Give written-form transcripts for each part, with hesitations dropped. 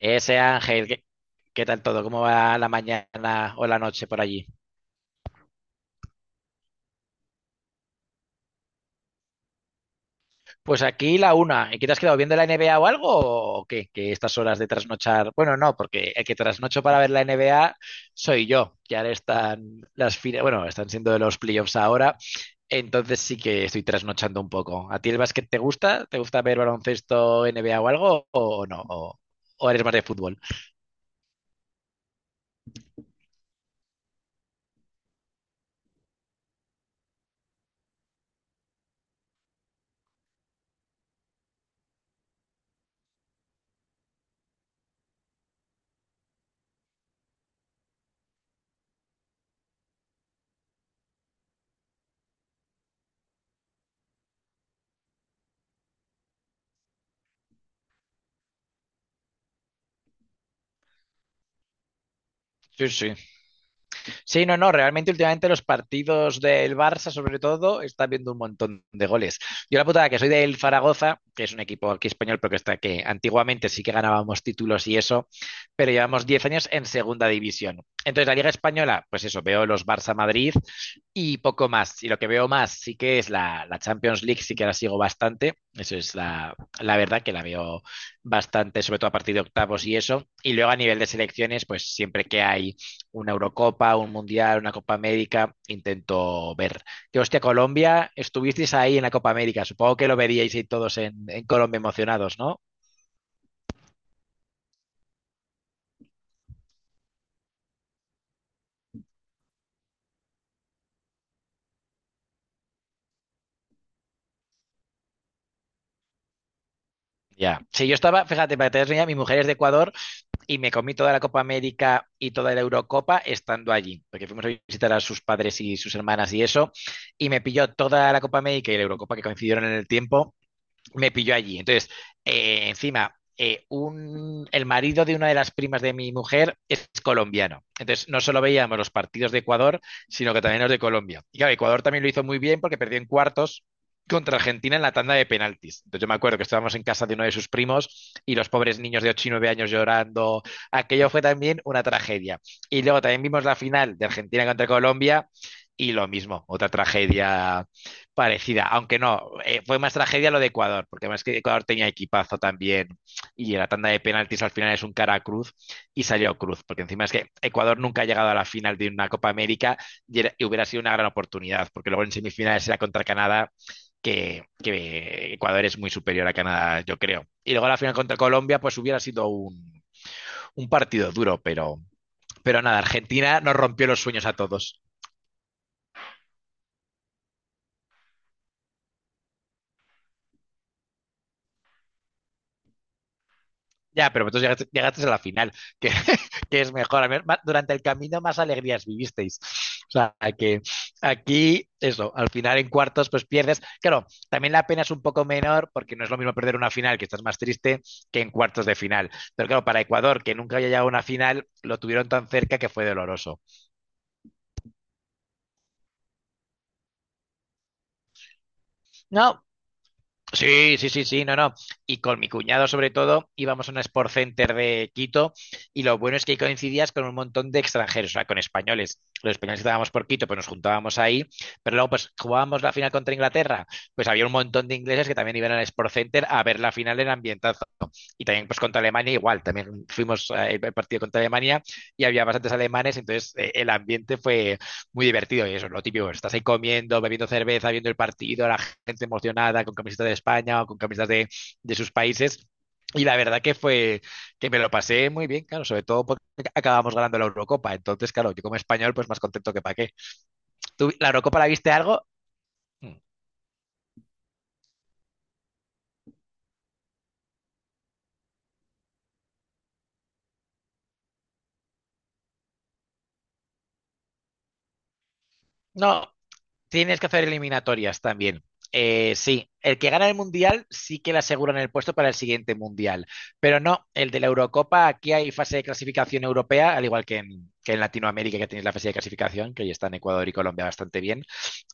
Ese Ángel, ¿qué tal todo? ¿Cómo va la mañana o la noche por allí? Pues aquí la una. ¿Y qué te has quedado viendo la NBA o algo? ¿O qué? Que estas horas de trasnochar. Bueno, no, porque el que trasnocho para ver la NBA soy yo. Que ahora están las fines. Bueno, están siendo los playoffs ahora. Entonces sí que estoy trasnochando un poco. ¿A ti el básquet te gusta? ¿Te gusta ver baloncesto, NBA o algo? ¿O no? ¿O eres más de fútbol? Sí, sí. Sí, no, no, realmente últimamente los partidos del Barça, sobre todo, están viendo un montón de goles. Yo la putada que soy del Zaragoza, que es un equipo aquí español, pero que está que antiguamente sí que ganábamos títulos y eso, pero llevamos 10 años en segunda división. Entonces, la Liga Española, pues eso, veo los Barça Madrid y poco más. Y lo que veo más sí que es la Champions League, sí que la sigo bastante. Eso es la verdad que la veo bastante, sobre todo a partir de octavos y eso. Y luego a nivel de selecciones, pues siempre que hay una Eurocopa, un Mundial, una Copa América, intento ver. Que hostia, Colombia, estuvisteis ahí en la Copa América. Supongo que lo veríais ahí todos en Colombia emocionados, ¿no? Ya. Sí, yo estaba, fíjate, para que te des una idea, mi mujer es de Ecuador y me comí toda la Copa América y toda la Eurocopa estando allí, porque fuimos a visitar a sus padres y sus hermanas y eso, y me pilló toda la Copa América y la Eurocopa que coincidieron en el tiempo me pilló allí. Entonces, encima, el marido de una de las primas de mi mujer es colombiano. Entonces, no solo veíamos los partidos de Ecuador, sino que también los de Colombia. Y claro, Ecuador también lo hizo muy bien porque perdió en cuartos contra Argentina en la tanda de penaltis. Entonces yo me acuerdo que estábamos en casa de uno de sus primos y los pobres niños de 8 y 9 años llorando. Aquello fue también una tragedia. Y luego también vimos la final de Argentina contra Colombia y lo mismo, otra tragedia parecida, aunque no, fue más tragedia lo de Ecuador, porque más que Ecuador tenía equipazo también y en la tanda de penaltis al final es un cara a cruz y salió cruz, porque encima es que Ecuador nunca ha llegado a la final de una Copa América y, y hubiera sido una gran oportunidad, porque luego en semifinales era contra Canadá, que Ecuador es muy superior a Canadá, yo creo. Y luego la final contra Colombia, pues hubiera sido un partido duro, pero nada, Argentina nos rompió los sueños a todos. Ya, pero vosotros llegaste a la final, que, que es mejor. A ver, durante el camino más alegrías vivisteis. O sea, que aquí, eso, al final en cuartos pues pierdes. Claro, también la pena es un poco menor porque no es lo mismo perder una final, que estás más triste, que en cuartos de final. Pero claro, para Ecuador, que nunca había llegado a una final, lo tuvieron tan cerca que fue doloroso. No, sí, sí, sí, sí, no, no. Y con mi cuñado, sobre todo, íbamos a un Sport Center de Quito y lo bueno es que ahí coincidías con un montón de extranjeros, o sea, con españoles. Los españoles que estábamos por Quito, pues nos juntábamos ahí, pero luego, pues jugábamos la final contra Inglaterra, pues había un montón de ingleses que también iban al Sport Center a ver la final en ambientazo. Y también pues contra Alemania igual, también fuimos el partido contra Alemania y había bastantes alemanes, entonces el ambiente fue muy divertido y eso es lo típico, estás ahí comiendo, bebiendo cerveza, viendo el partido, la gente emocionada con camisetas de España o con camisetas de sus países. Y la verdad que fue que me lo pasé muy bien, claro, sobre todo porque acabamos ganando la Eurocopa. Entonces, claro, yo como español, pues más contento que para qué. ¿Tú la Eurocopa la viste algo? No, tienes que hacer eliminatorias también. Sí, el que gana el mundial sí que le aseguran el puesto para el siguiente mundial, pero no, el de la Eurocopa, aquí hay fase de clasificación europea, al igual que que en Latinoamérica que tenéis la fase de clasificación, que ya están Ecuador y Colombia bastante bien,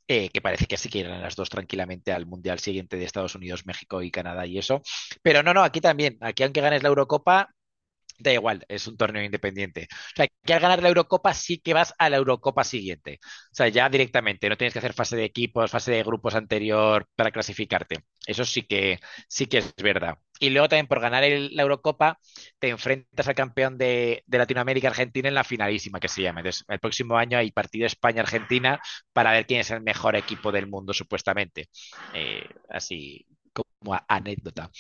que parece que sí que irán las dos tranquilamente al mundial siguiente de Estados Unidos, México y Canadá y eso, pero no, no, aquí también, aquí aunque ganes la Eurocopa, da igual, es un torneo independiente. O sea, que al ganar la Eurocopa sí que vas a la Eurocopa siguiente. O sea, ya directamente, no tienes que hacer fase de equipos, fase de grupos anterior para clasificarte. Eso sí que es verdad. Y luego también por ganar la Eurocopa te enfrentas al campeón de Latinoamérica Argentina en la finalísima que se llama. Entonces, el próximo año hay partido España-Argentina para ver quién es el mejor equipo del mundo, supuestamente. Así como anécdota.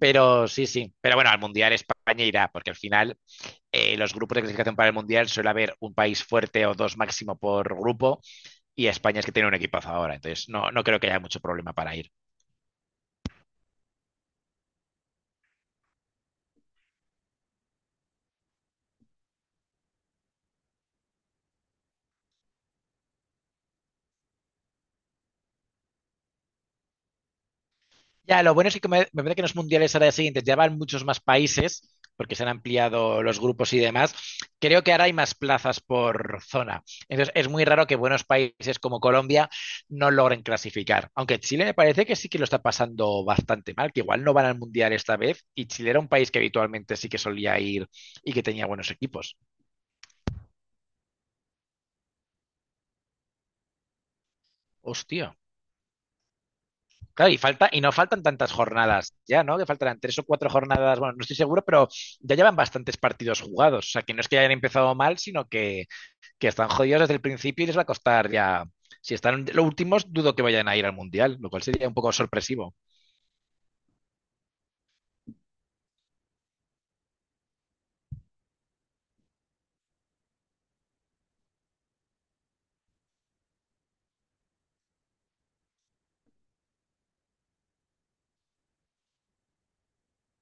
Pero sí, sí. Pero bueno, al Mundial España irá, porque al final los grupos de clasificación para el Mundial suele haber un país fuerte o dos máximo por grupo, y España es que tiene un equipazo ahora, entonces no, no creo que haya mucho problema para ir. Ya, lo bueno es que me parece que en los mundiales ahora siguientes ya van muchos más países, porque se han ampliado los grupos y demás. Creo que ahora hay más plazas por zona. Entonces, es muy raro que buenos países como Colombia no logren clasificar. Aunque Chile me parece que sí que lo está pasando bastante mal, que igual no van al mundial esta vez, y Chile era un país que habitualmente sí que solía ir y que tenía buenos equipos. Hostia. Claro, y falta, y no faltan tantas jornadas ya, ¿no? Que faltarán tres o cuatro jornadas, bueno, no estoy seguro, pero ya llevan bastantes partidos jugados. O sea, que no es que hayan empezado mal, sino que están jodidos desde el principio y les va a costar ya. Si están los últimos, dudo que vayan a ir al Mundial, lo cual sería un poco sorpresivo.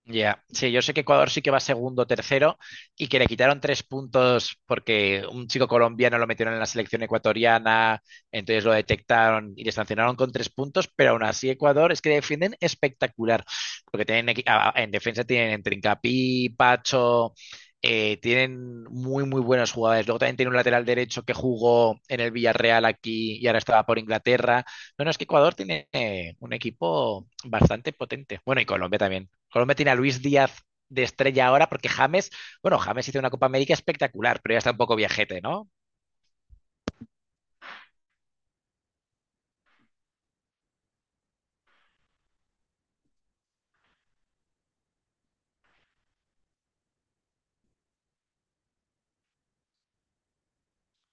Ya, sí, yo sé que Ecuador sí que va segundo, tercero y que le quitaron 3 puntos porque un chico colombiano lo metieron en la selección ecuatoriana, entonces lo detectaron y le sancionaron con 3 puntos, pero aún así Ecuador es que defienden espectacular, porque tienen en defensa tienen Trincapi, Pacho, tienen muy muy buenos jugadores. Luego también tiene un lateral derecho que jugó en el Villarreal aquí y ahora estaba por Inglaterra. No, no, es que Ecuador tiene un equipo bastante potente. Bueno, y Colombia también. Colombia tiene a Luis Díaz de estrella ahora porque James, bueno, James hizo una Copa América espectacular, pero ya está un poco viajete, ¿no?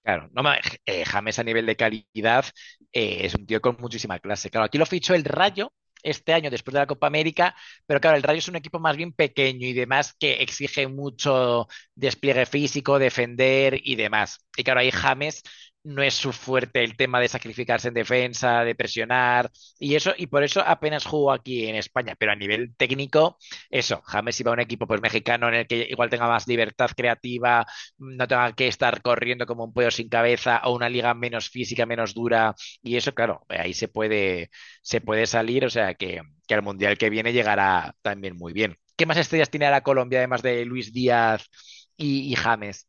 Claro, no, ma- James a nivel de calidad es un tío con muchísima clase. Claro, aquí lo fichó el Rayo este año después de la Copa América, pero claro, el Rayo es un equipo más bien pequeño y demás que exige mucho despliegue físico, defender y demás. Y claro, ahí James no es su fuerte el tema de sacrificarse en defensa, de presionar y eso, y por eso apenas jugó aquí en España, pero a nivel técnico, eso, James iba a un equipo pues mexicano en el que igual tenga más libertad creativa no tenga que estar corriendo como un pollo sin cabeza o una liga menos física, menos dura. Y eso, claro, ahí se puede salir, o sea que al Mundial que viene llegará también muy bien. ¿Qué más estrellas tiene ahora Colombia, además de Luis Díaz y James?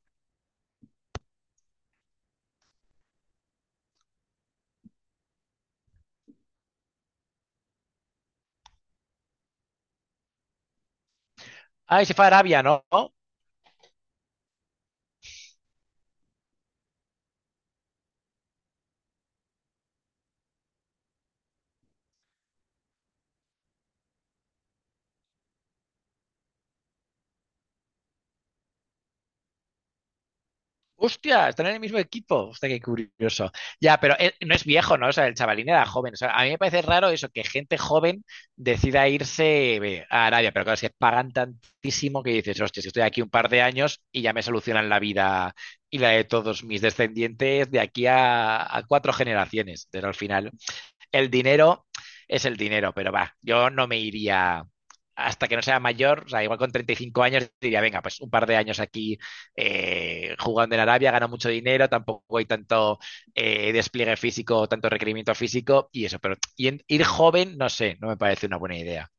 Ah, y se fue a Arabia, ¿no? Hostia, están en el mismo equipo. Hostia, qué curioso. Ya, pero no es viejo, ¿no? O sea, el chavalín era joven. O sea, a mí me parece raro eso, que gente joven decida irse a Arabia, pero claro, si es que pagan tantísimo que dices, hostia, si estoy aquí un par de años y ya me solucionan la vida y la de todos mis descendientes de aquí a cuatro generaciones. Pero al final el dinero es el dinero, pero va, yo no me iría hasta que no sea mayor, o sea, igual con 35 años diría, venga, pues un par de años aquí jugando en Arabia, gano mucho dinero, tampoco hay tanto despliegue físico, tanto requerimiento físico y eso, ir joven, no sé, no me parece una buena idea.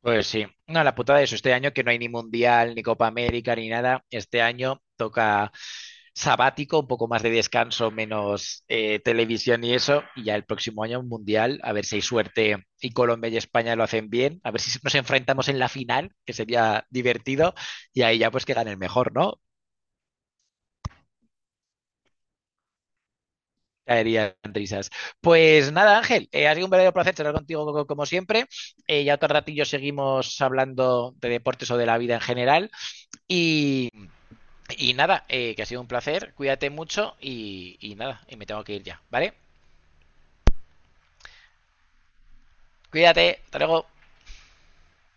Pues sí, no, la putada de eso, este año que no hay ni Mundial, ni Copa América, ni nada, este año toca sabático, un poco más de descanso, menos televisión y eso, y ya el próximo año un Mundial, a ver si hay suerte y Colombia y España lo hacen bien, a ver si nos enfrentamos en la final, que sería divertido, y ahí ya pues que gane el mejor, ¿no? Caerían risas. Pues nada, Ángel, ha sido un verdadero placer charlar contigo como siempre. Ya otro ratillo seguimos hablando de deportes o de la vida en general. Y, y nada, que ha sido un placer, cuídate mucho y nada, y me tengo que ir ya, ¿vale? Cuídate, hasta luego.